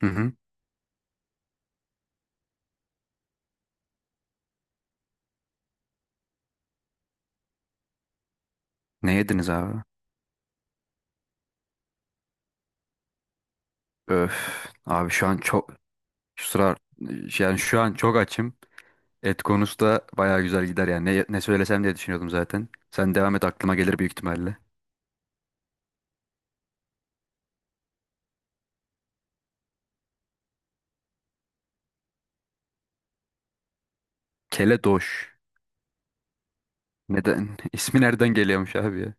Hı hı. Ne yediniz abi? Öf. Abi, şu sıralar şu an çok açım. Et konusu da bayağı güzel gider yani. Ne söylesem diye düşünüyordum zaten. Sen devam et, aklıma gelir büyük ihtimalle. Keledoş. Neden? İsmi nereden geliyormuş abi ya?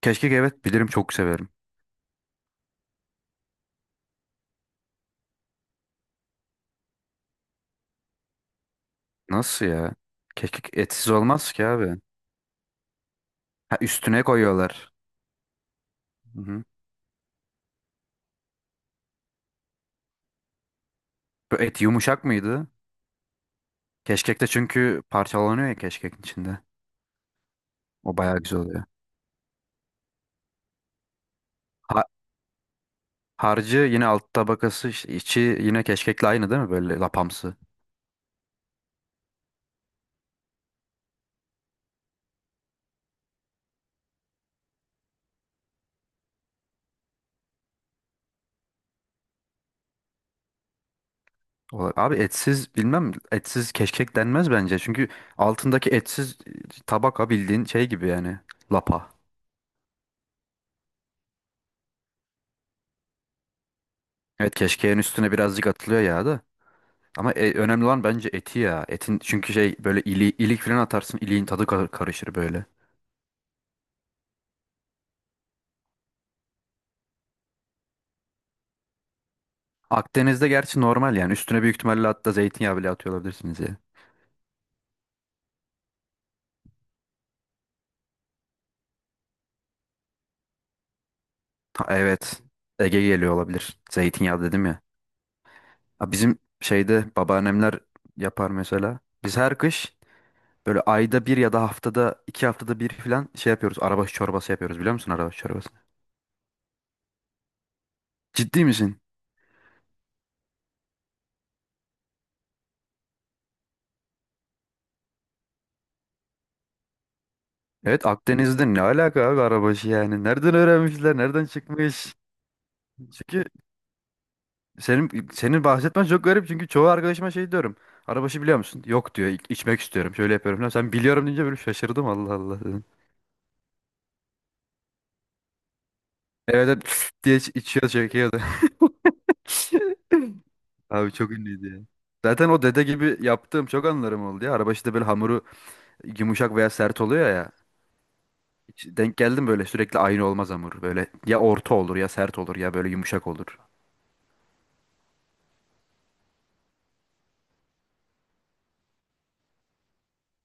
Keşkek, evet, bilirim, çok severim. Nasıl ya? Keşkek etsiz olmaz ki abi. Ha, üstüne koyuyorlar. Hı hı. Bu et yumuşak mıydı? Keşkek de çünkü parçalanıyor ya, keşkekin içinde. O bayağı güzel oluyor. Harcı yine, alt tabakası işte içi yine keşkekle aynı değil mi, böyle lapamsı? Olarak? Abi, etsiz bilmem, etsiz keşkek denmez bence. Çünkü altındaki etsiz tabaka bildiğin şey gibi yani, lapa. Evet, keşkeğin üstüne birazcık atılıyor ya da. Ama önemli olan bence eti ya. Etin çünkü şey, böyle ilik falan atarsın, iliğin tadı karışır böyle. Akdeniz'de gerçi normal yani, üstüne büyük ihtimalle hatta zeytinyağı bile atıyor olabilirsiniz ya. Ha, evet, Ege geliyor olabilir. Zeytinyağı dedim ya. Ha, bizim şeyde babaannemler yapar mesela. Biz her kış böyle ayda bir ya da haftada iki haftada bir falan şey yapıyoruz. Arabaşı çorbası yapıyoruz, biliyor musun arabaşı çorbası? Ciddi misin? Evet, Akdeniz'de ne alaka abi arabaşı yani? Nereden öğrenmişler? Nereden çıkmış? Çünkü senin bahsetmen çok garip, çünkü çoğu arkadaşıma şey diyorum. Arabaşı biliyor musun? Yok diyor. İçmek istiyorum. Şöyle yapıyorum falan. Sen biliyorum deyince böyle şaşırdım, Allah Allah dedim. Evet, evet, diye içiyor, çekiyor. Abi çok ünlüydü ya. Zaten o dede gibi yaptığım çok anılarım oldu ya. Araba işte böyle, hamuru yumuşak veya sert oluyor ya. Hiç denk geldim, böyle sürekli aynı olmaz hamur. Böyle ya orta olur, ya sert olur, ya böyle yumuşak olur.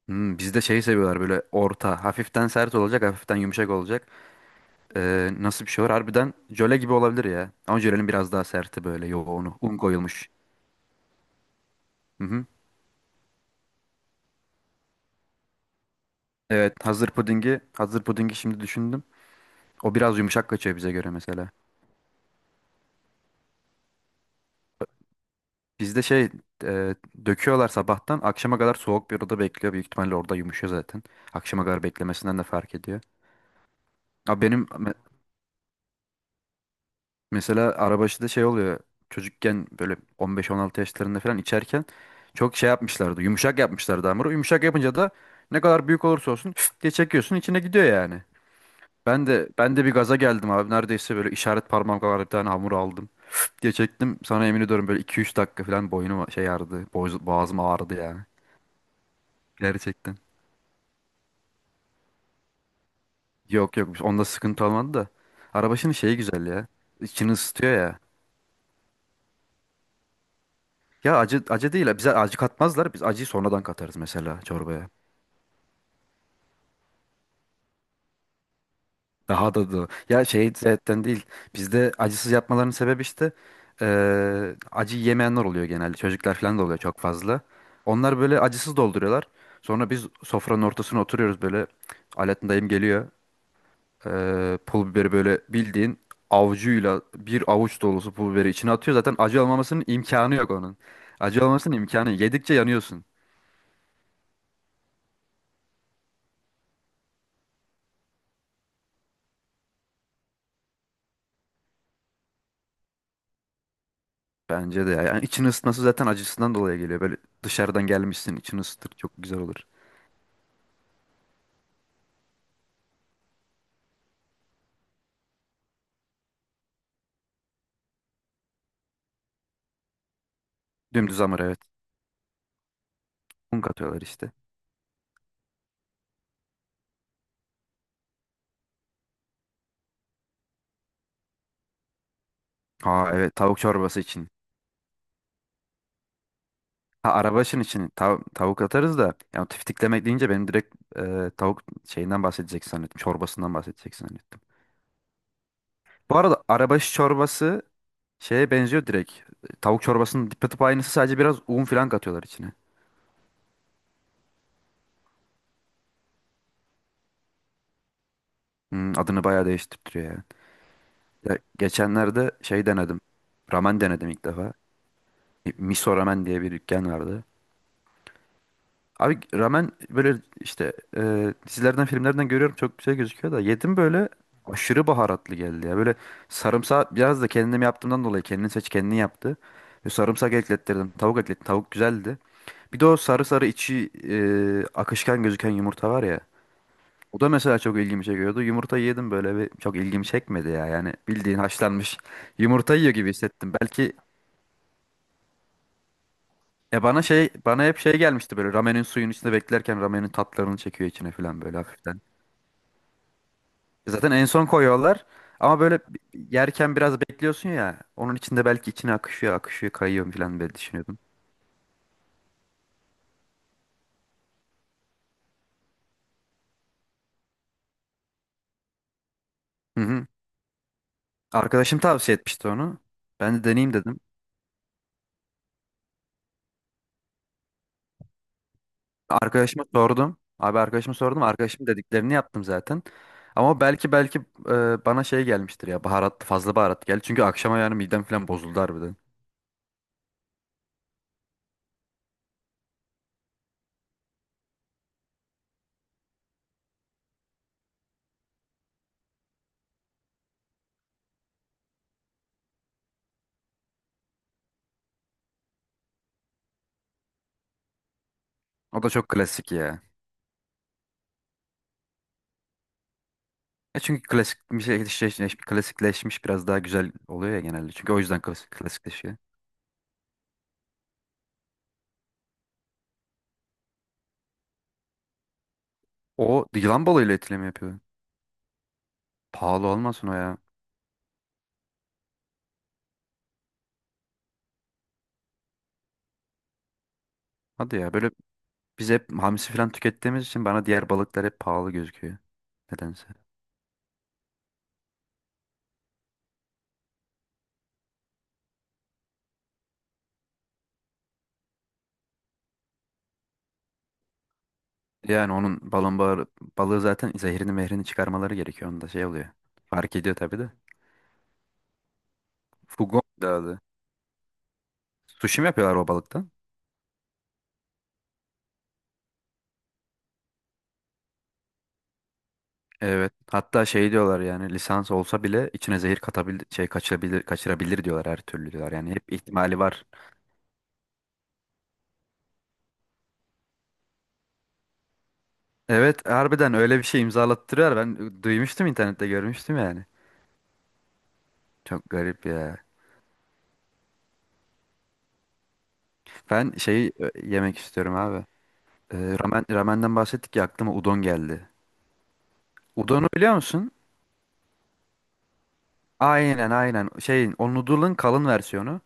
Bizde şeyi seviyorlar, böyle orta. Hafiften sert olacak, hafiften yumuşak olacak. Nasıl bir şey var? Harbiden jöle gibi olabilir ya. Ama jölenin biraz daha serti, böyle yoğunu. Un koyulmuş. Hı hı. Evet, hazır pudingi. Hazır pudingi şimdi düşündüm. O biraz yumuşak kaçıyor bize göre mesela. Bizde şey e, döküyorlar, sabahtan akşama kadar soğuk bir odada bekliyor. Büyük ihtimalle orada yumuşuyor zaten. Akşama kadar beklemesinden de fark ediyor. Abi, benim mesela arabaşıda şey oluyor. Çocukken böyle 15-16 yaşlarında falan içerken çok şey yapmışlardı. Yumuşak yapmışlardı hamuru. Yumuşak yapınca da ne kadar büyük olursa olsun diye çekiyorsun, içine gidiyor yani. Ben de bir gaza geldim abi. Neredeyse böyle işaret parmağım kadar bir tane hamur aldım, diye çektim. Sana yemin ediyorum böyle 2-3 dakika falan boynum şey ağrıdı, boğazım ağrıdı yani. Gerçekten. Yok, yok, onda sıkıntı olmadı da. Arabaşının şeyi güzel ya. İçini ısıtıyor ya. Ya acı, acı değil. Bize acı katmazlar. Biz acıyı sonradan katarız, mesela çorbaya. Daha da. Ya şey zaten değil. Bizde acısız yapmalarının sebebi işte acı yemeyenler oluyor genelde. Çocuklar falan da oluyor çok fazla. Onlar böyle acısız dolduruyorlar. Sonra biz sofranın ortasına oturuyoruz böyle. Alaaddin dayım geliyor. Pul biberi böyle, bildiğin avucuyla bir avuç dolusu pul biberi içine atıyor. Zaten acı olmamasının imkanı yok onun. Acı olmamasının imkanı. Yok. Yedikçe yanıyorsun. Bence de ya. Yani için ısıtması zaten acısından dolayı geliyor. Böyle dışarıdan gelmişsin, için ısıtır, çok güzel olur. Dümdüz hamur, evet. Un katıyorlar işte. Ha, evet, tavuk çorbası için. Ha, araba işin için tavuk atarız da, yani tiftiklemek deyince benim direkt tavuk şeyinden bahsedecek zannettim. Çorbasından bahsedecek zannettim. Bu arada arabaş çorbası şeye benziyor direkt. Tavuk çorbasının tıpa tıpa aynısı, sadece biraz un falan katıyorlar içine. Adını bayağı değiştiriyor yani. Ya, geçenlerde şey denedim. Ramen denedim ilk defa. Miso Ramen diye bir dükkan vardı. Abi ramen böyle işte dizilerden, filmlerden görüyorum, çok güzel gözüküyor, da yedim böyle aşırı baharatlı geldi ya. Böyle sarımsağı biraz da kendim yaptığımdan dolayı kendini seç kendini yaptı. Ve sarımsak eklettirdim. Tavuk eklettim. Tavuk güzeldi. Bir de o sarı sarı içi akışkan gözüken yumurta var ya. O da mesela çok ilgimi çekiyordu. Yumurtayı yedim böyle, bir çok ilgimi çekmedi ya. Yani bildiğin haşlanmış yumurta yiyor gibi hissettim. Belki bana hep şey gelmişti, böyle ramenin suyun içinde beklerken ramenin tatlarını çekiyor içine falan, böyle hafiften. E, zaten en son koyuyorlar, ama böyle yerken biraz bekliyorsun ya. Onun içinde belki içine akışıyor akışıyor kayıyor falan, böyle düşünüyordum. Hı hı. Arkadaşım tavsiye etmişti onu. Ben de deneyeyim dedim. Arkadaşıma sordum. Abi, arkadaşıma sordum. Arkadaşım dediklerini yaptım zaten. Ama belki bana şey gelmiştir ya. Baharat, fazla baharat geldi. Çünkü akşama yani midem falan bozuldu harbiden. O da çok klasik ya. E, çünkü klasik bir şey klasikleşmiş, klasikleşmiş biraz daha güzel oluyor ya genelde. Çünkü o yüzden klasik, klasikleşiyor. O yılan balığıyla etli mi yapıyor? Pahalı olmasın o ya. Hadi ya, böyle biz hep hamsi falan tükettiğimiz için bana diğer balıklar hep pahalı gözüküyor. Nedense. Yani onun balon balığı zaten zehrini mehrini çıkarmaları gerekiyor. Onda şey oluyor. Fark ediyor tabii de. Fugon da adı. Sushi mi yapıyorlar o balıktan? Evet. Hatta şey diyorlar yani, lisans olsa bile içine zehir katabil şey kaçırabilir, kaçırabilir diyorlar, her türlü diyorlar. Yani hep ihtimali var. Evet, harbiden öyle bir şey imzalattırıyor. Ben duymuştum, internette görmüştüm yani. Çok garip ya. Ben şeyi yemek istiyorum abi. Ramenden bahsettik ya, aklıma udon geldi. Udon'u biliyor musun? Aynen, aynen. Şeyin o noodle'ın kalın versiyonu.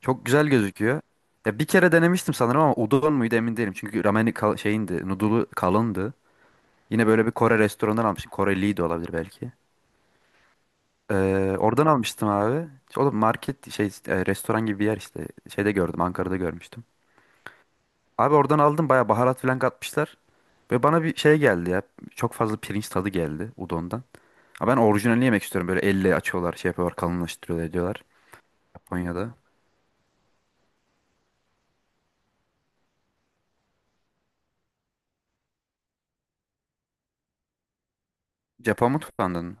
Çok güzel gözüküyor. Ya bir kere denemiştim sanırım, ama udon muydu emin değilim. Çünkü rameni şeyindi, noodle'u kalındı. Yine böyle bir Kore restoranından almıştım. Koreliydi de olabilir belki. Oradan almıştım abi. O da market şey restoran gibi bir yer işte. Şeyde gördüm, Ankara'da görmüştüm. Abi oradan aldım, bayağı baharat falan katmışlar. Ve bana bir şey geldi ya. Çok fazla pirinç tadı geldi udondan. Ama ben orijinalini yemek istiyorum. Böyle elle açıyorlar, şey yapıyorlar, kalınlaştırıyorlar diyorlar. Japonya'da. Japon mutfağından.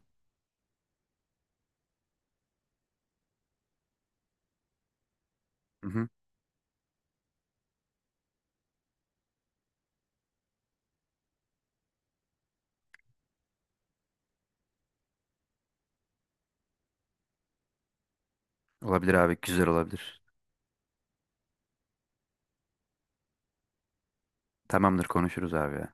Hı hı. Olabilir abi, güzel olabilir. Tamamdır, konuşuruz abi ya.